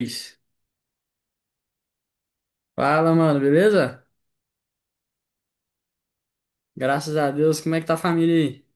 Luiz. Fala, mano, beleza? Graças a Deus, como é que tá a família aí?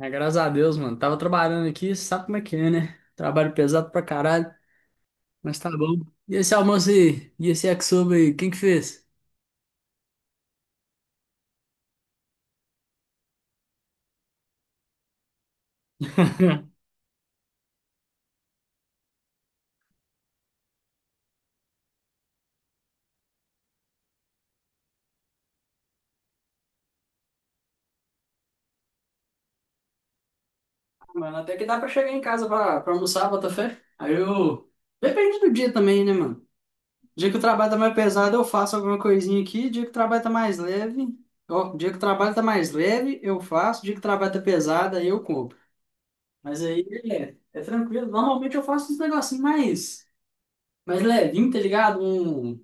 É, graças a Deus, mano. Tava trabalhando aqui, sabe como é que é, né? Trabalho pesado pra caralho, mas tá bom. E esse almoço aí? E esse yakisoba aí? Quem que fez? Ah, mano, até que dá pra chegar em casa pra almoçar, bota fé. Aí eu... Depende do dia também, né, mano? Dia que o trabalho tá mais pesado, eu faço alguma coisinha aqui. Dia que o trabalho tá mais leve... Ó, dia que o trabalho tá mais leve, eu faço. Dia que o trabalho tá pesado, aí eu compro. Mas aí é tranquilo. Normalmente eu faço uns negocinhos mais, mais levinho, tá ligado?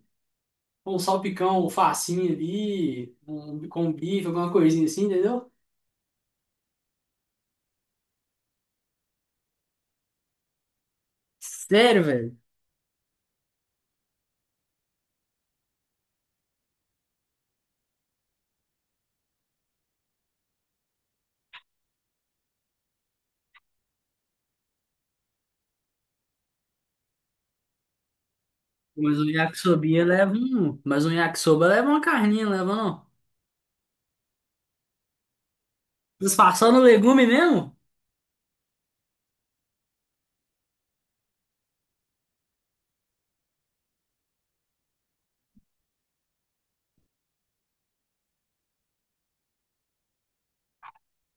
Um salpicão, um facinho ali, um, com um bife, alguma coisinha assim, entendeu? Sério, velho? Mas um yakisobia leva um. Mas um yakisoba leva uma carninha, não leva não. Disfarçando o legume mesmo?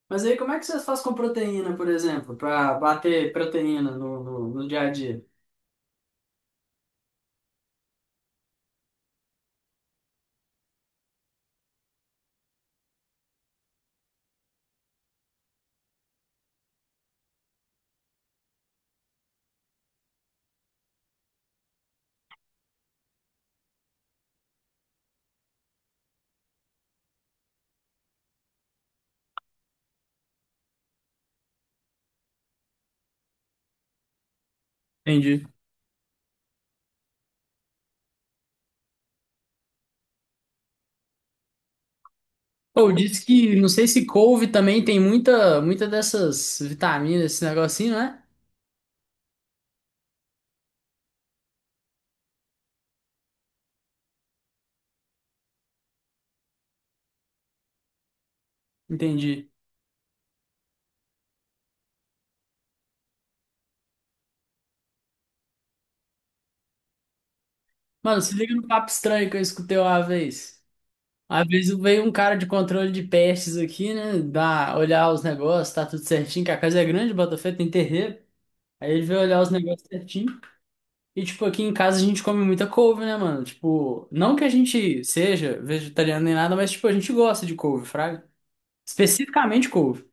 Mas aí como é que vocês fazem com proteína, por exemplo, pra bater proteína no, no, no dia a dia? Entendi. Ou disse que, não sei se couve também tem muita, muita dessas vitaminas, esse negocinho, né? Entendi. Mano, se liga no papo estranho que eu escutei uma vez. Uma vez veio um cara de controle de pestes aqui, né? Dá, olhar os negócios, tá tudo certinho, que a casa é grande, Botafé tem terreiro. Aí ele veio olhar os negócios certinho. E, tipo, aqui em casa a gente come muita couve, né, mano? Tipo, não que a gente seja vegetariano nem nada, mas, tipo, a gente gosta de couve, fraga. Especificamente couve.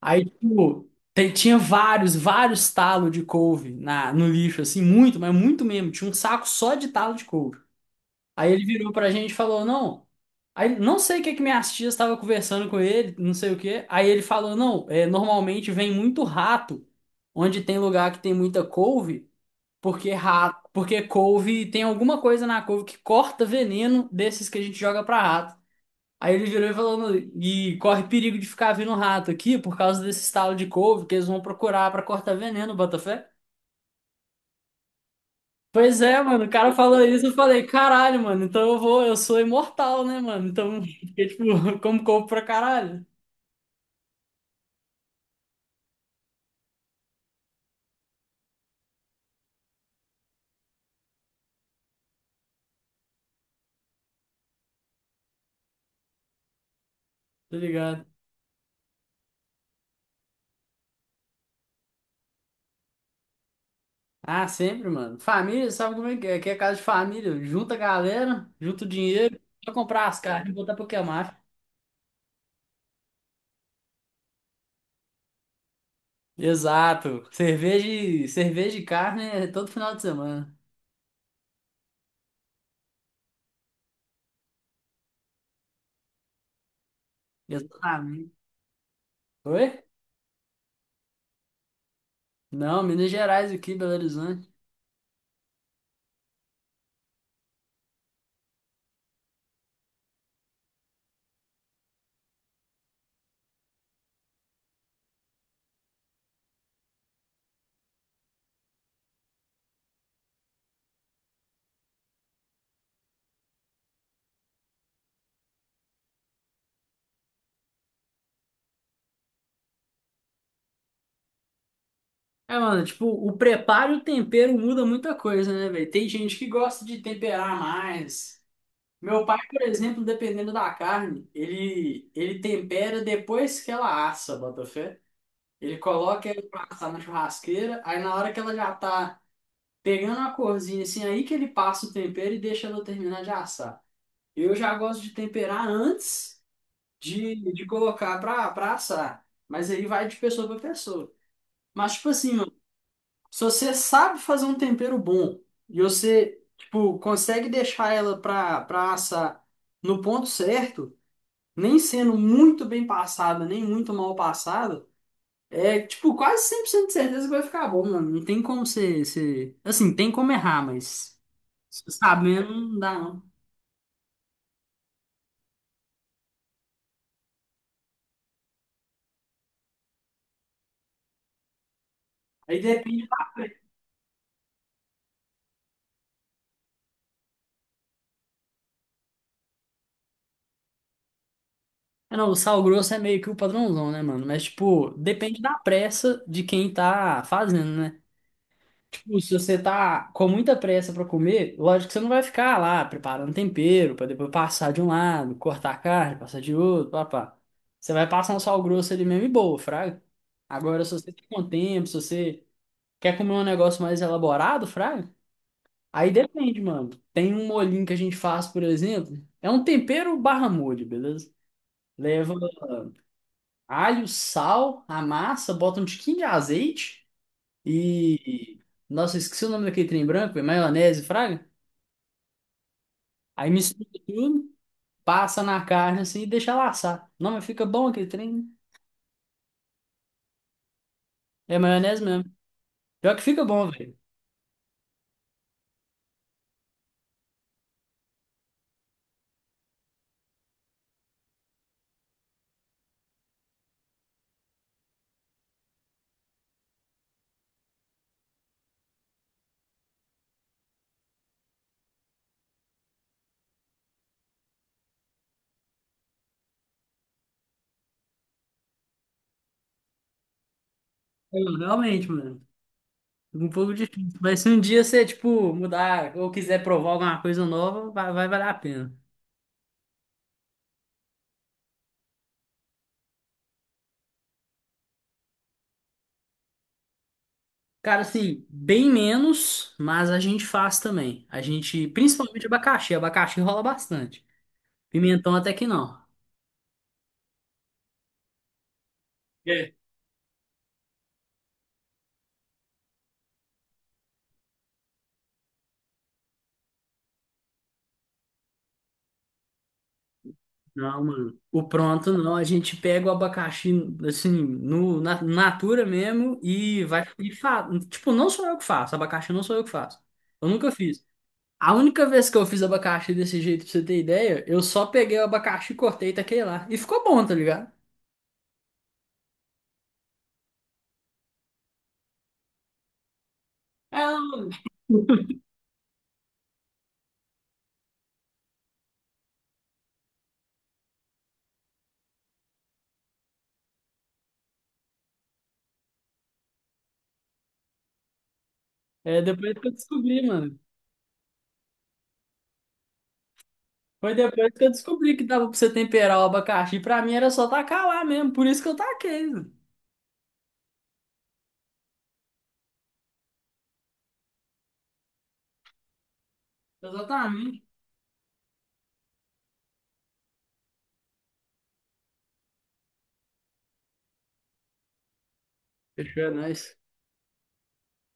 Aí, tipo, tinha vários, vários talos de couve na, no lixo, assim, muito, mas muito mesmo. Tinha um saco só de talo de couve. Aí ele virou pra gente e falou, não. Aí não sei o que que minhas tias estavam conversando com ele, não sei o que. Aí ele falou, não, é, normalmente vem muito rato, onde tem lugar que tem muita couve, porque rato, porque couve tem alguma coisa na couve que corta veneno desses que a gente joga pra rato. Aí ele virou e falou, "Não, e corre perigo de ficar vindo rato aqui por causa desse estalo de couve que eles vão procurar pra cortar veneno, bota fé. Pois é, mano, o cara falou isso, eu falei, caralho, mano, então eu vou, eu sou imortal, né, mano? Então, porque, tipo, como corpo pra caralho, tá ligado? Ah, sempre, mano. Família, sabe como é que é? Aqui é casa de família, junta a galera, junta o dinheiro, pra comprar as carnes e botar pra queimar. Exato. Cerveja e carne é todo final de semana. Exatamente. Oi? Não, Minas Gerais aqui, Belo Horizonte. É, mano, tipo, o preparo e o tempero muda muita coisa, né, velho? Tem gente que gosta de temperar mais. Meu pai, por exemplo, dependendo da carne, ele tempera depois que ela assa, botafé. Ele coloca ela pra assar na churrasqueira, aí na hora que ela já tá pegando a corzinha, assim, aí que ele passa o tempero e deixa ela terminar de assar. Eu já gosto de temperar antes de colocar pra assar, mas aí vai de pessoa pra pessoa. Mas, tipo assim, mano, se você sabe fazer um tempero bom e você, tipo, consegue deixar ela pra assar no ponto certo, nem sendo muito bem passada, nem muito mal passada, é tipo quase 100% de certeza que vai ficar bom, mano. Não tem como você... Assim, tem como errar, mas se sabendo, não dá não. Aí depende da pressa. É, não, o sal grosso é meio que o padrãozão, né, mano? Mas, tipo, depende da pressa de quem tá fazendo, né? Tipo, se você tá com muita pressa pra comer, lógico que você não vai ficar lá preparando tempero pra depois passar de um lado, cortar a carne, passar de outro, papá. Você vai passar um sal grosso ali mesmo e boa, fraga. Agora, se você tem um tempo, se você quer comer um negócio mais elaborado, fraga, aí depende, mano. Tem um molhinho que a gente faz, por exemplo, é um tempero barra molho, beleza? Leva alho, sal, a massa, bota um tiquinho de azeite e... Nossa, eu esqueci o nome daquele trem branco, é maionese, fraga? Aí mistura tudo, passa na carne assim e deixa laçar. Não, mas fica bom aquele trem. Né? É maionese mesmo. Pior que fica bom, velho. Realmente, mano. Um pouco difícil. Mas se um dia você, tipo, mudar ou quiser provar alguma coisa nova, vai valer a pena. Cara, assim, bem menos, mas a gente faz também. A gente, principalmente abacaxi. Abacaxi rola bastante. Pimentão até que não. Não, mano. O pronto não. A gente pega o abacaxi, assim, no, na natura mesmo e vai. E fa... Tipo, não sou eu que faço. Abacaxi não sou eu que faço. Eu nunca fiz. A única vez que eu fiz abacaxi desse jeito, pra você ter ideia, eu só peguei o abacaxi, cortei e taquei lá. E ficou bom, tá ligado? É, é depois que eu descobri, mano. Foi depois que eu descobri que dava pra você temperar o abacaxi. Pra mim era só tacar lá mesmo. Por isso que eu taquei, mano. Exatamente. Fechou, é nóis.